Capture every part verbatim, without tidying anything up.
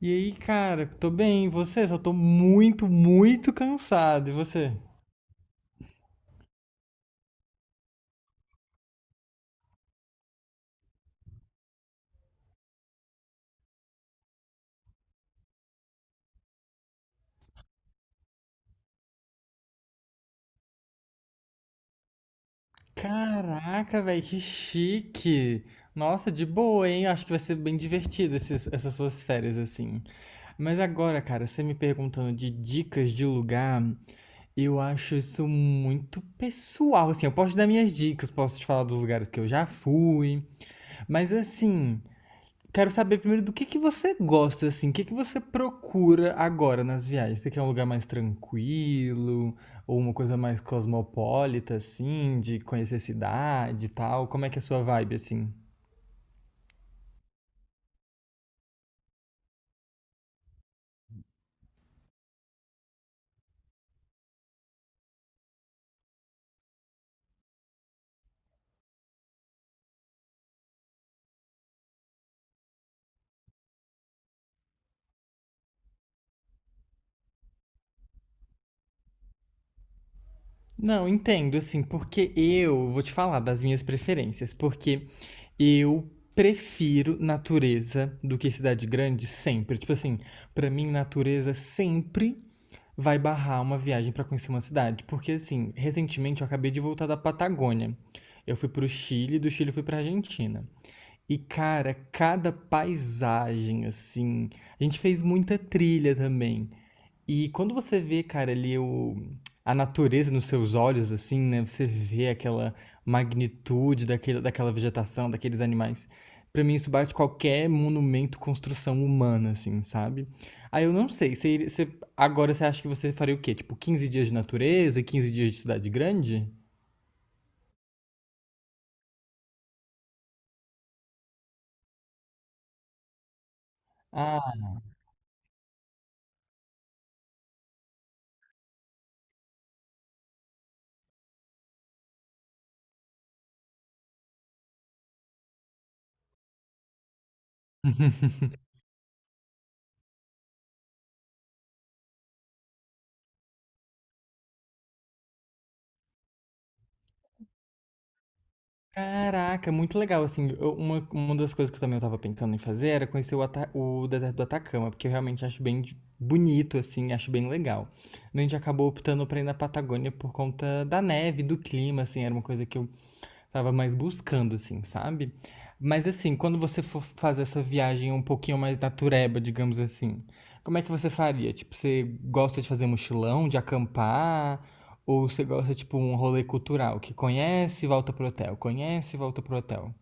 E aí, cara, tô bem, e você? Só tô muito, muito cansado. E você? Caraca, velho, que chique! Nossa, de boa, hein? Acho que vai ser bem divertido esses- essas suas férias assim. Mas agora, cara, você me perguntando de dicas de lugar, eu acho isso muito pessoal. Assim, eu posso te dar minhas dicas, posso te falar dos lugares que eu já fui. Mas assim, quero saber primeiro do que que você gosta, assim, o que que você procura agora nas viagens? Você quer um lugar mais tranquilo ou uma coisa mais cosmopolita, assim, de conhecer cidade e tal? Como é que é a sua vibe, assim? Não, entendo, assim, porque eu vou te falar das minhas preferências, porque eu prefiro natureza do que cidade grande sempre. Tipo assim, pra mim, natureza sempre vai barrar uma viagem para conhecer uma cidade. Porque, assim, recentemente eu acabei de voltar da Patagônia. Eu fui pro Chile, do Chile eu fui pra Argentina. E, cara, cada paisagem, assim. A gente fez muita trilha também. E quando você vê, cara, ali o, a natureza nos seus olhos, assim, né? Você vê aquela magnitude daquele, daquela vegetação, daqueles animais. Pra mim, isso bate qualquer monumento, construção humana, assim, sabe? Aí eu não sei, você, iria- você- agora você acha que você faria o quê? Tipo, quinze dias de natureza e quinze dias de cidade grande? Ah, Caraca, muito legal, assim, eu- uma, uma das coisas que eu também tava pensando em fazer era conhecer o, Ata- o deserto do Atacama, porque eu realmente acho bem de- bonito, assim, acho bem legal. A gente acabou optando pra ir na Patagônia por conta da neve, do clima, assim, era uma coisa que eu tava mais buscando, assim, sabe? Mas assim, quando você for fazer essa viagem um pouquinho mais natureba, digamos assim, como é que você faria? Tipo, você gosta de fazer mochilão, de acampar? Ou você gosta, tipo, um rolê cultural, que conhece e volta pro hotel, conhece e volta pro hotel?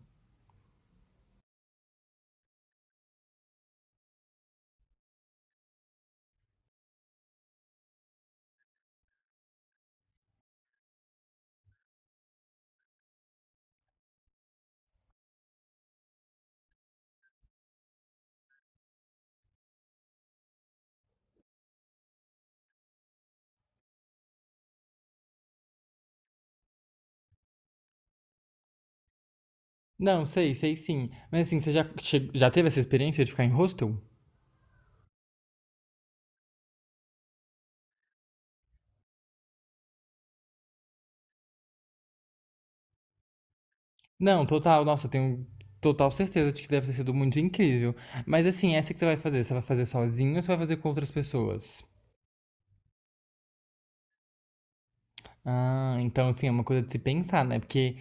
Não, sei, sei sim. Mas assim, você já, che- já teve essa experiência de ficar em hostel? Não, total, nossa, eu tenho total certeza de que deve ter sido muito incrível. Mas assim, essa que você vai fazer, você vai fazer sozinho ou você vai fazer com outras pessoas? Ah, então assim, é uma coisa de se pensar, né? Porque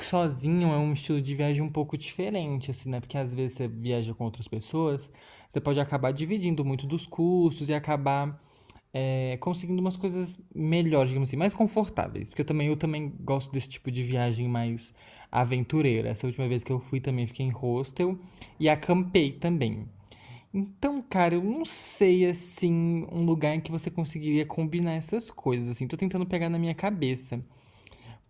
sozinho é um estilo de viagem um pouco diferente, assim, né? Porque às vezes você viaja com outras pessoas, você pode acabar dividindo muito dos custos e acabar é, conseguindo umas coisas melhores, digamos assim, mais confortáveis. Porque eu também, eu também gosto desse tipo de viagem mais aventureira. Essa última vez que eu fui também fiquei em hostel e acampei também. Então, cara, eu não sei, assim, um lugar em que você conseguiria combinar essas coisas, assim. Tô tentando pegar na minha cabeça.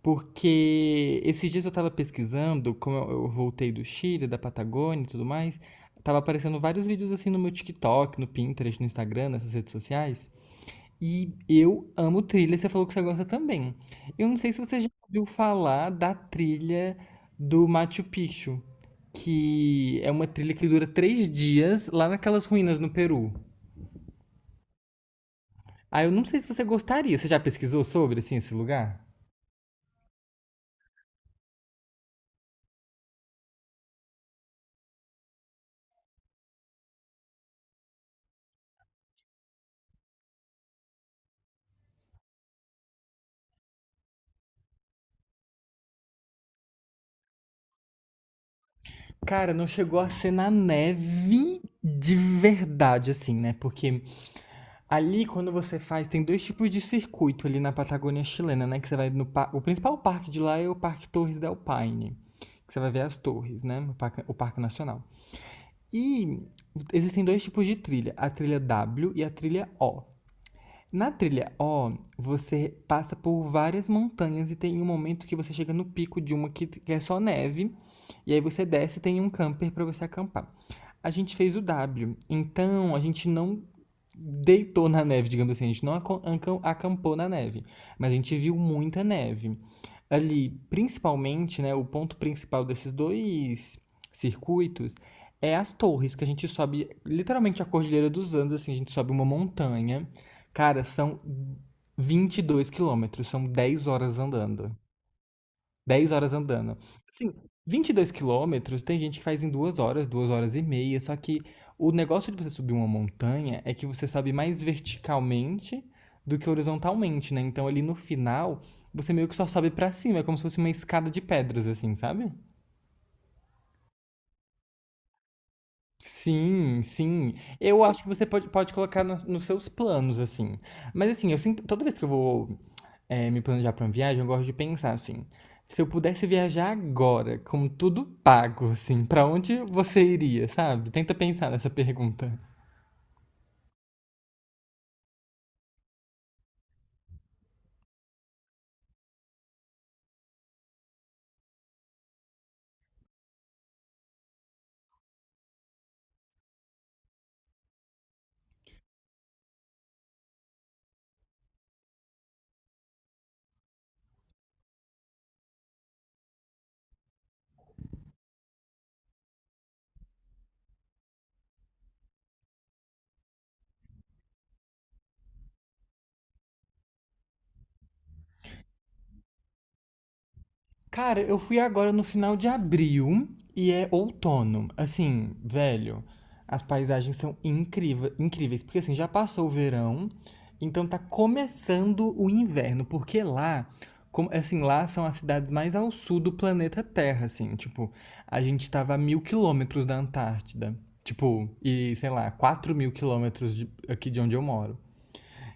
Porque esses dias eu tava pesquisando, como eu eu voltei do Chile, da Patagônia e tudo mais, tava aparecendo vários vídeos, assim, no meu TikTok, no Pinterest, no Instagram, nessas redes sociais. E eu amo trilha, você falou que você gosta também. Eu não sei se você já ouviu falar da trilha do Machu Picchu, que é uma trilha que dura três dias lá naquelas ruínas no Peru. Ah, eu não sei se você gostaria. Você já pesquisou sobre, assim, esse lugar? Cara, não chegou a ser na neve de verdade, assim, né? Porque ali, quando você faz, tem dois tipos de circuito ali na Patagônia chilena, né? Que você vai no pa- o principal parque de lá é o Parque Torres del Paine, que você vai ver as torres, né? O parque, o parque Nacional. E existem dois tipos de trilha, a trilha W e a trilha O. Na trilha O, você passa por várias montanhas e tem um momento que você chega no pico de uma que é só neve, e aí você desce e tem um camper para você acampar. A gente fez o W, então a gente não deitou na neve, digamos assim, a gente não acon- ancam- acampou na neve, mas a gente viu muita neve. Ali, principalmente, né, o ponto principal desses dois circuitos é as torres, que a gente sobe literalmente a Cordilheira dos Andes, assim, a gente sobe uma montanha. Cara, são vinte e dois quilômetros, são dez horas andando. Dez horas andando. Assim, vinte e dois quilômetros tem gente que faz em duas horas, duas horas e meia, só que o negócio de você subir uma montanha é que você sobe mais verticalmente do que horizontalmente, né? Então ali no final, você meio que só sobe pra cima, é como se fosse uma escada de pedras, assim, sabe? Sim, sim. Eu acho que você pode, pode colocar nos nos seus planos, assim. Mas assim, eu sempre, toda vez que eu vou eh, me planejar para uma viagem, eu gosto de pensar assim. Se eu pudesse viajar agora, com tudo pago, assim, para onde você iria, sabe? Tenta pensar nessa pergunta. Cara, eu fui agora no final de abril e é outono. Assim, velho, as paisagens são incríveis, incríveis, porque assim, já passou o verão, então tá começando o inverno, porque lá, como, assim, lá são as cidades mais ao sul do planeta Terra, assim, tipo, a gente tava a mil quilômetros da Antártida, tipo, e sei lá, quatro mil quilômetros de- aqui de onde eu moro.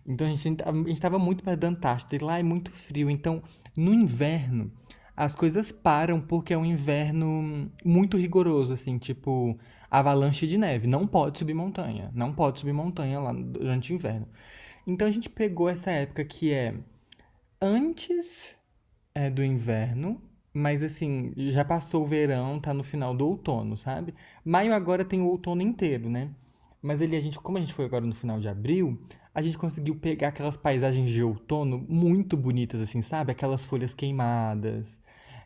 Então a gente a gente estava muito perto da Antártida e lá é muito frio. Então, no inverno, as coisas param porque é um inverno muito rigoroso, assim, tipo avalanche de neve. Não pode subir montanha. Não pode subir montanha lá durante o inverno. Então a gente pegou essa época que é antes é do inverno, mas assim, já passou o verão, tá no final do outono, sabe? Maio agora tem o outono inteiro, né? Mas ele, a gente, como a gente foi agora no final de abril, a gente conseguiu pegar aquelas paisagens de outono muito bonitas, assim, sabe? Aquelas folhas queimadas,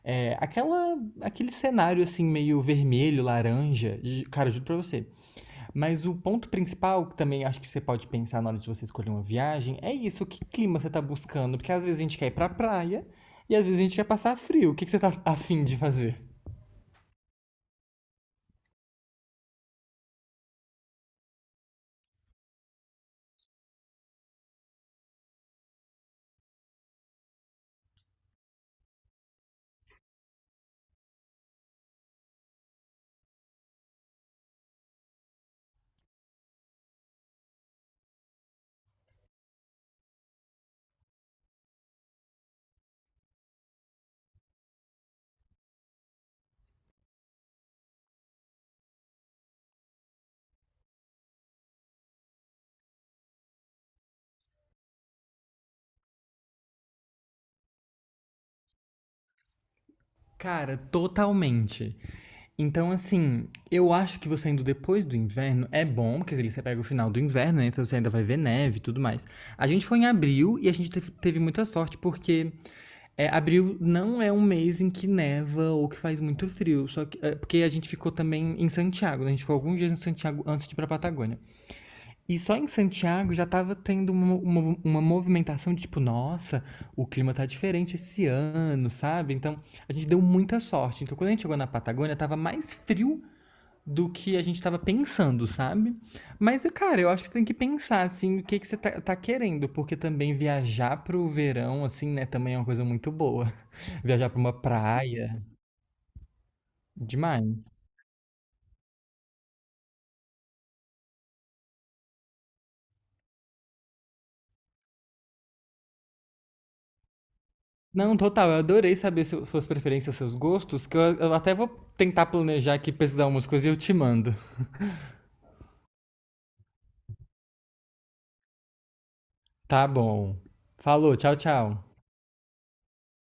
é, aquela, aquele cenário assim meio vermelho, laranja. E, cara, eu juro pra você, mas o ponto principal, que também acho que você pode pensar na hora de você escolher uma viagem, é isso, que clima você tá buscando. Porque às vezes a gente quer ir pra praia e às vezes a gente quer passar frio. O que que você tá afim de fazer? Cara, totalmente. Então, assim, eu acho que você indo depois do inverno é bom, porque ali você pega o final do inverno, né? Então você ainda vai ver neve e tudo mais. A gente foi em abril e a gente teve, teve muita sorte, porque é, abril não é um mês em que neva ou que faz muito frio. Só que, é, porque a gente ficou também em Santiago, né? A gente ficou alguns dias em Santiago antes de ir pra Patagônia. E só em Santiago já estava tendo uma, uma, uma movimentação de tipo, nossa, o clima tá diferente esse ano, sabe? Então a gente deu muita sorte. Então quando a gente chegou na Patagônia, tava mais frio do que a gente tava pensando, sabe? Mas, cara, eu acho que tem que pensar, assim, o que que você tá, tá, querendo, porque também viajar pro verão, assim, né, também é uma coisa muito boa. Viajar pra uma praia, demais. Não, total, eu adorei saber seu- suas preferências, seus gostos, que eu, eu até vou tentar planejar aqui pesquisar umas coisas e eu te mando. Tá bom. Falou, tchau, tchau.